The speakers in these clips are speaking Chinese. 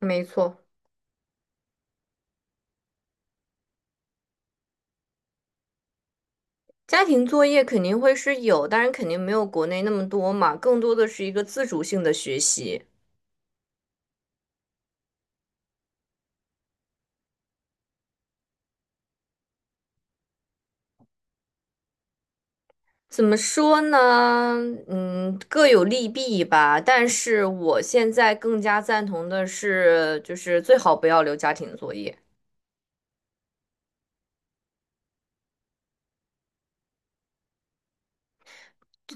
没错，家庭作业肯定会是有，当然肯定没有国内那么多嘛，更多的是一个自主性的学习。怎么说呢？嗯，各有利弊吧。但是我现在更加赞同的是，就是最好不要留家庭作业。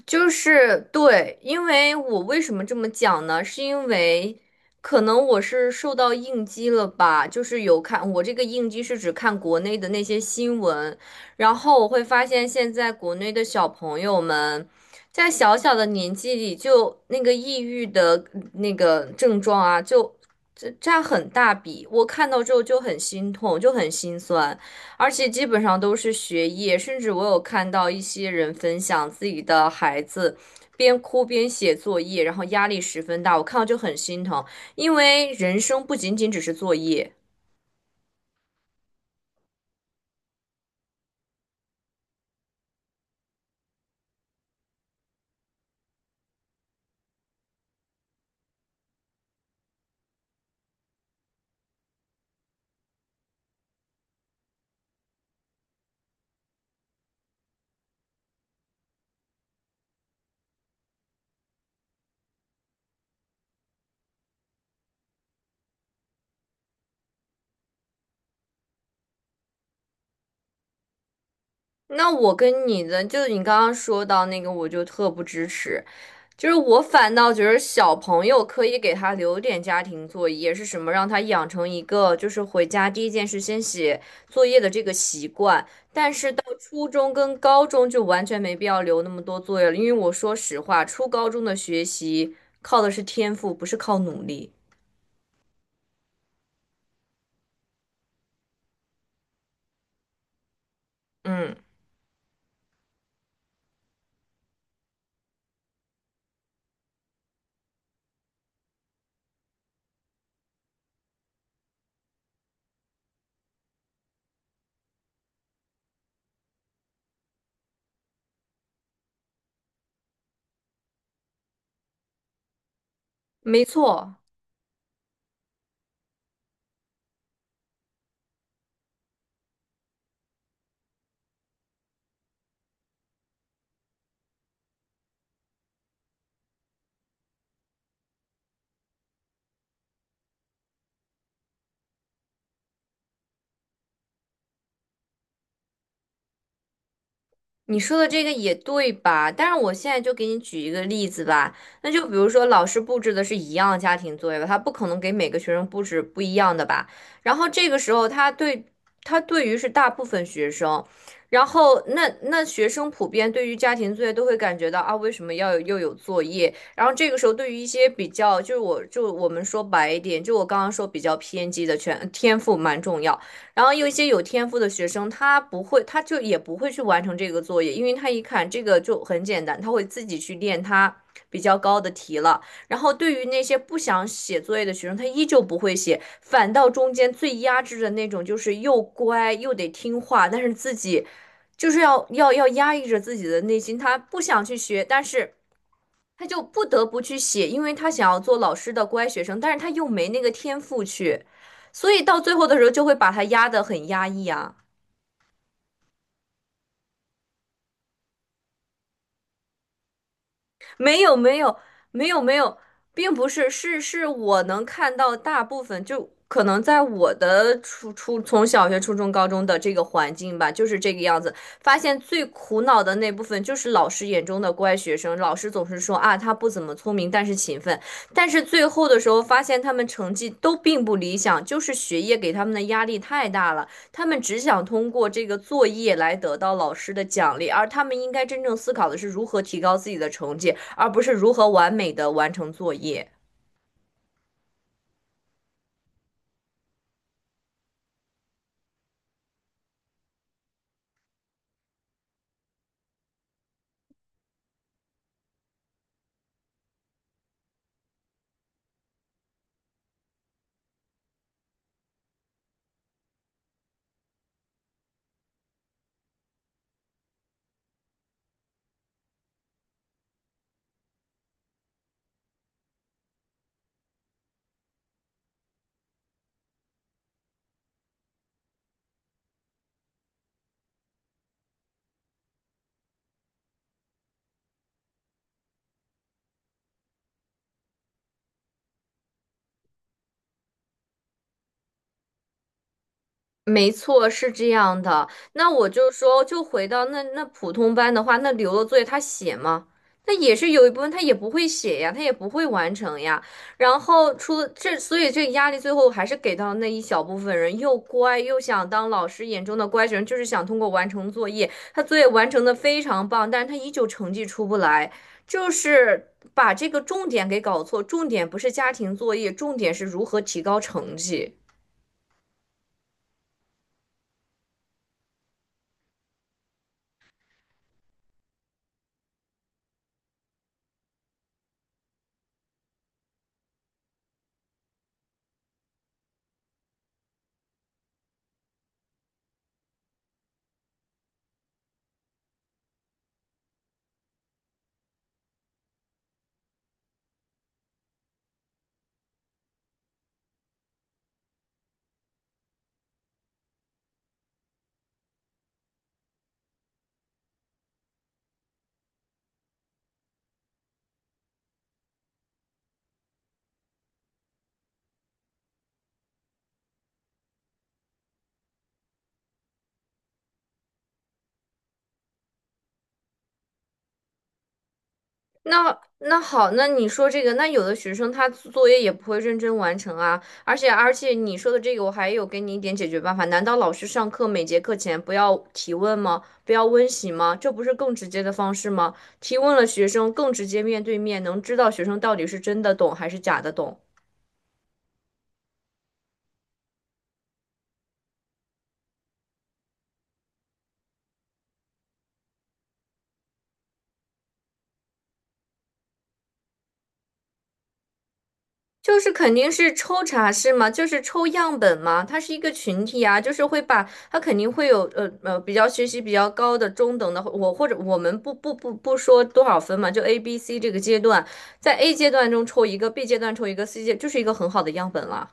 就是对，因为我为什么这么讲呢？是因为可能我是受到应激了吧，就是有看我这个应激是指看国内的那些新闻，然后我会发现现在国内的小朋友们在小小的年纪里就那个抑郁的那个症状啊，就这占很大比，我看到之后就很心痛，就很心酸。而且基本上都是学业，甚至我有看到一些人分享自己的孩子边哭边写作业，然后压力十分大，我看到就很心疼，因为人生不仅仅只是作业。那我跟你的，就是你刚刚说到那个，我就特不支持，就是我反倒觉得小朋友可以给他留点家庭作业，是什么让他养成一个就是回家第一件事先写作业的这个习惯。但是到初中跟高中就完全没必要留那么多作业了，因为我说实话，初高中的学习靠的是天赋，不是靠努力。嗯，没错。你说的这个也对吧？但是我现在就给你举一个例子吧，那就比如说老师布置的是一样的家庭作业吧，他不可能给每个学生布置不一样的吧？然后这个时候他对他对于是大部分学生，然后那学生普遍对于家庭作业都会感觉到啊，为什么要有又有作业？然后这个时候对于一些比较就是我就我们说白一点，就我刚刚说比较偏激的全天赋蛮重要。然后有一些有天赋的学生，他不会，他就也不会去完成这个作业，因为他一看这个就很简单，他会自己去练他比较高的题了。然后对于那些不想写作业的学生，他依旧不会写，反倒中间最压制的那种，就是又乖又得听话，但是自己就是要压抑着自己的内心，他不想去学，但是。他就不得不去写，因为他想要做老师的乖学生，但是他又没那个天赋去，所以到最后的时候就会把他压得很压抑啊。没有没有没有没有，并不是，是是我能看到大部分，就可能在我的初从小学、初中、高中的这个环境吧，就是这个样子。发现最苦恼的那部分就是老师眼中的乖学生，老师总是说啊他不怎么聪明，但是勤奋，但是最后的时候发现他们成绩都并不理想，就是学业给他们的压力太大了，他们只想通过这个作业来得到老师的奖励，而他们应该真正思考的是如何提高自己的成绩。而不是如何完美的完成作业。没错，是这样的。那我就说，就回到那普通班的话，那留了作业他写吗？那也是有一部分他也不会写呀，他也不会完成呀。然后出这，所以这个压力最后还是给到那一小部分人，又乖又想当老师眼中的乖学生，就是想通过完成作业。他作业完成的非常棒，但是他依旧成绩出不来，就是把这个重点给搞错。重点不是家庭作业，重点是如何提高成绩。那那好，那你说这个，那有的学生他作业也不会认真完成啊，而且你说的这个，我还有给你一点解决办法。难道老师上课每节课前不要提问吗？不要温习吗？这不是更直接的方式吗？提问了学生更直接面对面，能知道学生到底是真的懂还是假的懂。就是肯定是抽查是吗？就是抽样本吗？它是一个群体啊，就是会把它肯定会有比较学习比较高的中等的，我或者我们不说多少分嘛，就 A、B、C 这个阶段，在 A 阶段中抽一个，B 阶段抽一个，C 阶就是一个很好的样本了。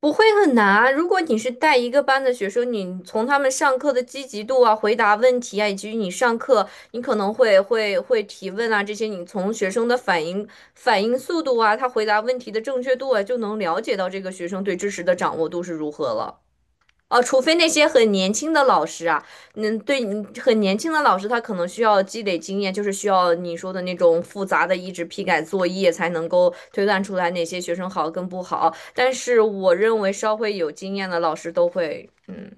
不会很难啊。如果你是带一个班的学生，你从他们上课的积极度啊、回答问题啊，以及你上课你可能会提问啊，这些你从学生的反应速度啊，他回答问题的正确度啊，就能了解到这个学生对知识的掌握度是如何了。哦，除非那些很年轻的老师啊，嗯，对，嗯很年轻的老师，他可能需要积累经验，就是需要你说的那种复杂的一直批改作业，才能够推断出来哪些学生好跟不好。但是我认为稍微有经验的老师都会，嗯。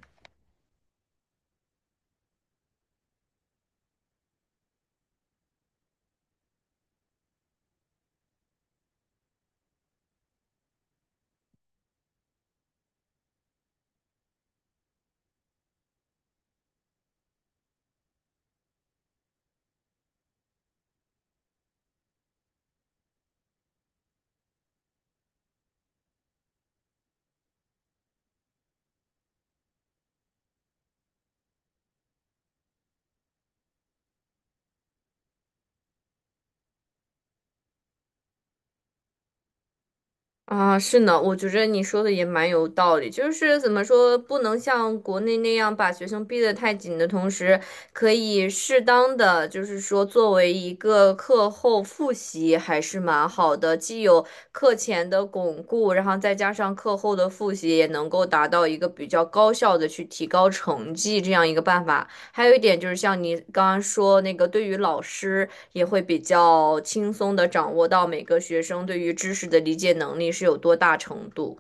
啊，是呢，我觉着你说的也蛮有道理，就是怎么说，不能像国内那样把学生逼得太紧的同时，可以适当的，就是说作为一个课后复习还是蛮好的，既有课前的巩固，然后再加上课后的复习，也能够达到一个比较高效的去提高成绩这样一个办法。还有一点就是，像你刚刚说那个，对于老师也会比较轻松的掌握到每个学生对于知识的理解能力是有多大程度。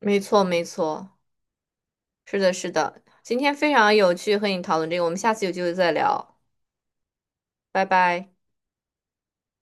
没错，没错，是的，是的。今天非常有趣和你讨论这个，我们下次有机会再聊，拜拜。